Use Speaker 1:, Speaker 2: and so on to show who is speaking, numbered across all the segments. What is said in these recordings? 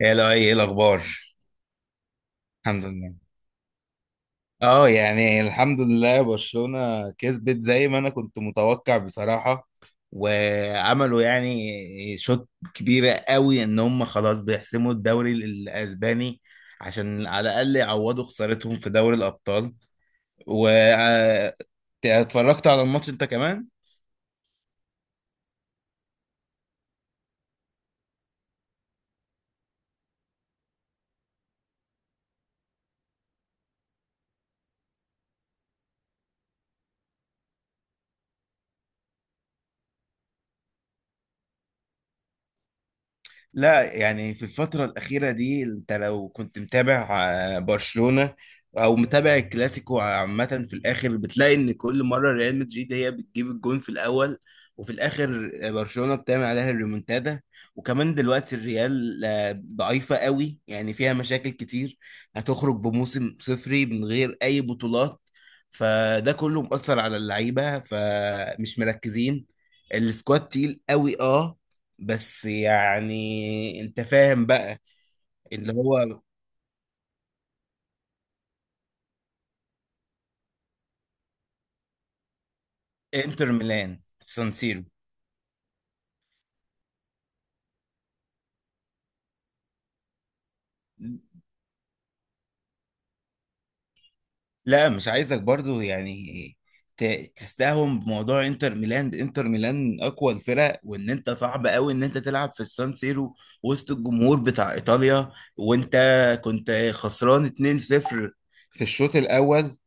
Speaker 1: يا لا ايه الاخبار. الحمد لله. اه يعني الحمد لله، برشلونة كسبت زي ما انا كنت متوقع بصراحة. وعملوا يعني شوط كبيرة قوي ان هم خلاص بيحسموا الدوري الاسباني عشان على الاقل يعوضوا خسارتهم في دوري الابطال. و اتفرجت على الماتش انت كمان؟ لا يعني في الفترة الأخيرة دي أنت لو كنت متابع برشلونة أو متابع الكلاسيكو عامة، في الآخر بتلاقي إن كل مرة ريال مدريد هي بتجيب الجون في الأول، وفي الآخر برشلونة بتعمل عليها الريمونتادا. وكمان دلوقتي الريال ضعيفة قوي، يعني فيها مشاكل كتير، هتخرج بموسم صفري من غير أي بطولات، فده كله مؤثر على اللعيبة فمش مركزين. السكواد تقيل قوي. اه، بس يعني انت فاهم بقى. اللي هو انتر ميلان، في سان سيرو. لا، مش عايزك برضو يعني تستهون بموضوع انتر ميلان. انتر ميلان اقوى الفرق، وان انت صعب قوي ان انت تلعب في السان سيرو، وسط الجمهور بتاع ايطاليا، وانت كنت خسران 2-0 في الشوط الاول.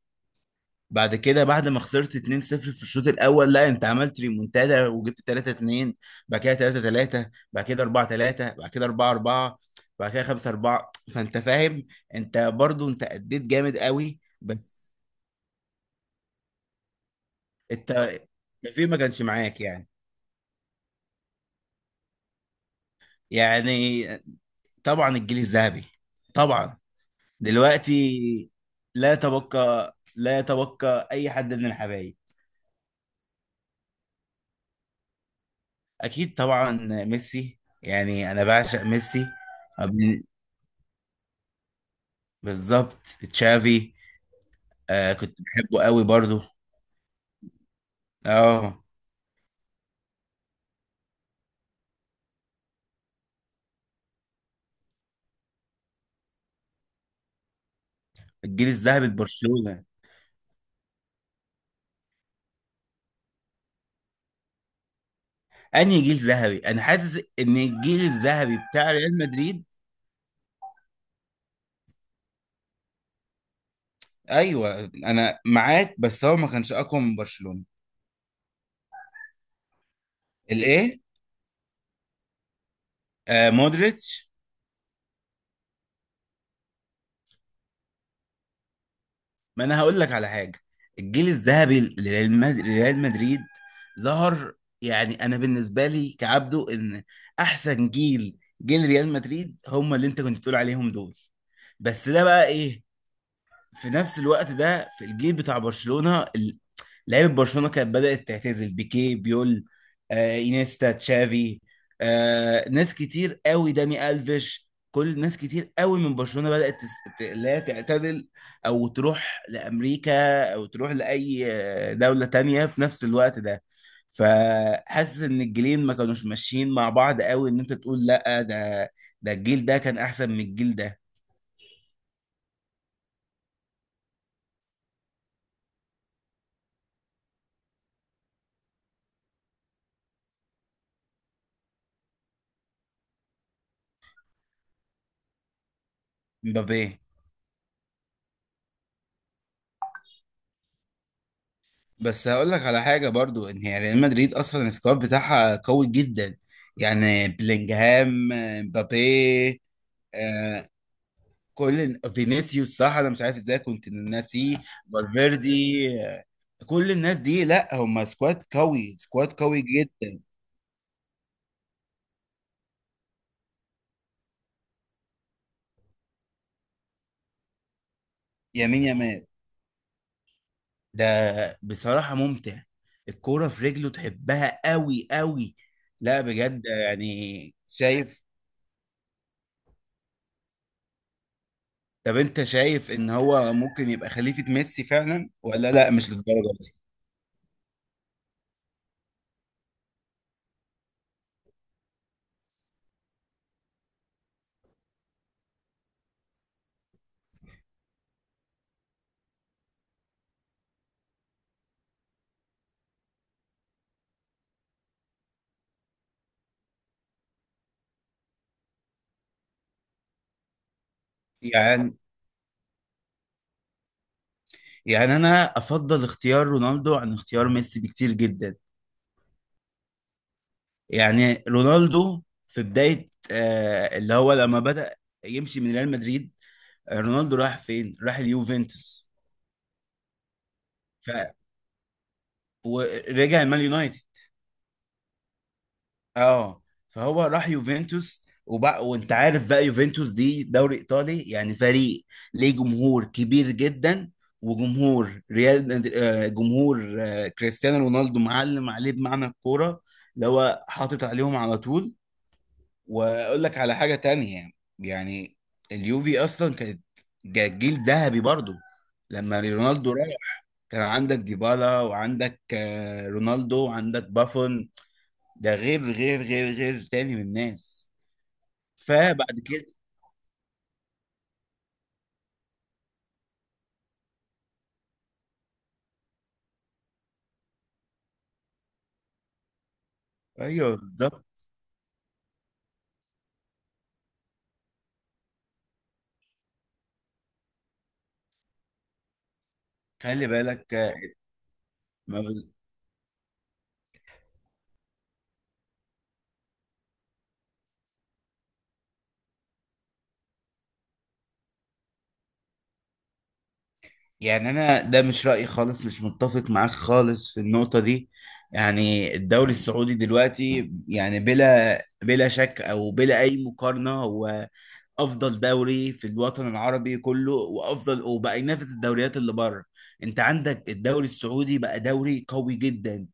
Speaker 1: بعد كده بعد ما خسرت 2-0 في الشوط الاول، لا انت عملت ريمونتادا وجبت 3-2، بعد كده 3-3، بعد كده 4-3، بعد كده 4-4، بعد كده 5-4. فانت فاهم انت برضو، انت اديت جامد قوي، بس الت- التوفيق ما كانش معاك يعني. يعني طبعا الجيل الذهبي، طبعا. دلوقتي لا يتبقى، اي حد من الحبايب. اكيد طبعا ميسي، يعني انا بعشق ميسي. بالظبط، تشافي. آه، كنت بحبه قوي برضو. اه. الجيل الذهبي لبرشلونة. انهي جيل ذهبي؟ انا حاسس ان الجيل الذهبي بتاع ريال مدريد. ايوه انا معاك، بس هو ما كانش اقوى من برشلونة. الايه؟ آه مودريتش. ما انا هقول لك على حاجة. الجيل الذهبي لريال مدريد، ظهر يعني انا بالنسبة لي كعبده، ان احسن جيل جيل ريال مدريد هم اللي انت كنت بتقول عليهم دول. بس ده بقى ايه، في نفس الوقت ده في الجيل بتاع برشلونة لعيبة برشلونة كانت بدأت تعتزل. بيكي، بيول، آه إينيستا، تشافي، آه ناس كتير قوي، داني ألفيش، كل ناس كتير قوي من برشلونة بدأت لا تعتزل أو تروح لأمريكا أو تروح لأي دولة تانية في نفس الوقت ده. فحاسس إن الجيلين ما كانوش ماشيين مع بعض قوي إن أنت تقول لأ، ده الجيل ده كان أحسن من الجيل ده. مبابي. بس هقول لك على حاجه برضو، ان هي ريال مدريد اصلا السكواد بتاعها قوي جدا. يعني بلينجهام، مبابي، آه، كل فينيسيوس، صح انا مش عارف ازاي كنت ناسيه. فالفيردي، آه، كل الناس دي لا هم سكواد قوي، سكواد قوي جدا. يمين يمال ده بصراحه ممتع، الكوره في رجله تحبها قوي قوي. لا بجد، يعني شايف. طب انت شايف ان هو ممكن يبقى خليفة ميسي فعلا، ولا لا مش للدرجة دي؟ يعني انا افضل اختيار رونالدو عن اختيار ميسي بكتير جدا. يعني رونالدو في بداية اللي هو لما بدأ يمشي من ريال مدريد، آه، رونالدو راح فين؟ راح اليوفنتوس. ف ورجع المان يونايتد. اه. فهو راح يوفنتوس وبقى، وانت عارف بقى يوفنتوس دي دوري ايطالي، يعني فريق ليه جمهور كبير جدا. وجمهور ريال مد- آه، جمهور كريستيانو رونالدو معلم عليه بمعنى الكوره، اللي هو حاطط عليهم على طول. واقول لك على حاجه تانية، يعني اليوفي اصلا كانت جيل ذهبي برضو لما رونالدو راح. كان عندك ديبالا، وعندك رونالدو، وعندك بافون، ده غير تاني من الناس. فبعد كده. ايوه بالظبط. خلي بالك آه، ما ب... يعني انا ده مش رأيي خالص، مش متفق معاك خالص في النقطة دي. يعني الدوري السعودي دلوقتي يعني بلا شك او بلا اي مقارنة، هو افضل دوري في الوطن العربي كله، وافضل وبقى ينافس الدوريات اللي بره. انت عندك الدوري السعودي بقى دوري قوي جدا.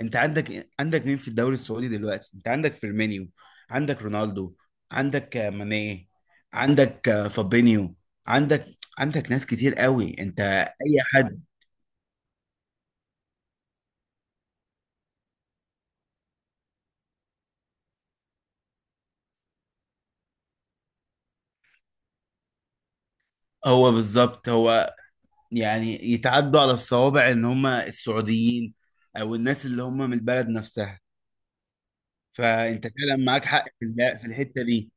Speaker 1: انت عندك مين في الدوري السعودي دلوقتي؟ انت عندك فيرمينيو، عندك رونالدو، عندك ماني، عندك فابينيو، عندك عندك ناس كتير قوي انت. اي حد. هو بالظبط هو يعني يتعدوا على الصوابع ان هم السعوديين، او الناس اللي هم من البلد نفسها. فانت فعلا معاك حق في في الحتة دي.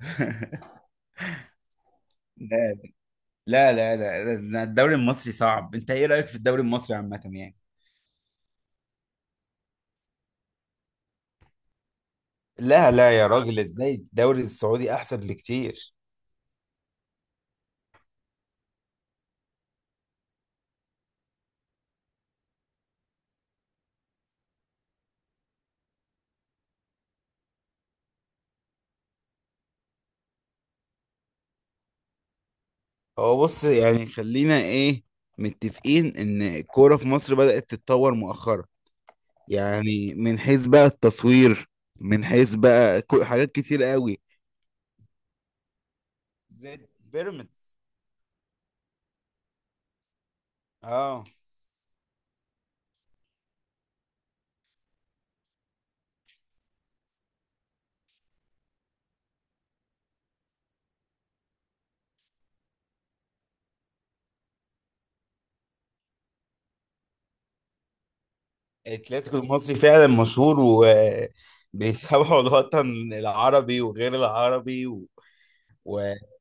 Speaker 1: لا، الدوري المصري صعب. انت ايه رأيك في الدوري المصري عامة يعني؟ لا، يا راجل ازاي؟ الدوري السعودي احسن بكتير. هو بص يعني خلينا ايه متفقين ان الكورة في مصر بدأت تتطور مؤخرا، يعني من حيث بقى التصوير، من حيث بقى حاجات كتير قوي زي بيراميدز. اه. الكلاسيكو المصري فعلا مشهور وبيتابعوا الوطن العربي وغير العربي، و-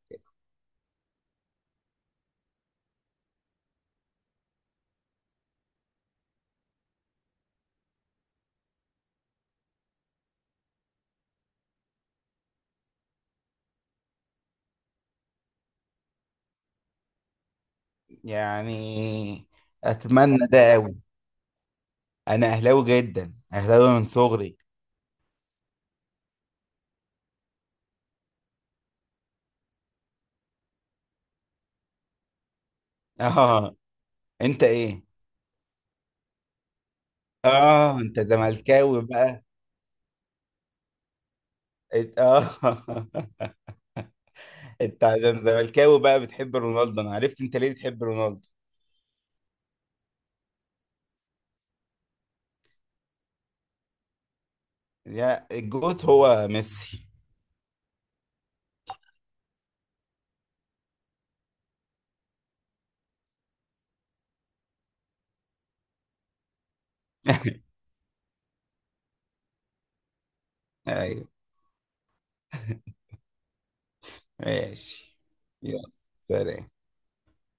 Speaker 1: ويعني اتمنى ده قوي. انا اهلاوي جدا، اهلاوي من صغري. اه. انت ايه؟ اه انت زملكاوي بقى. إت- اه انت عشان زملكاوي بقى بتحب رونالدو؟ انا عرفت انت ليه بتحب رونالدو. يا الجوت هو ميسي. ايوه. ماشي. يلا. سلام.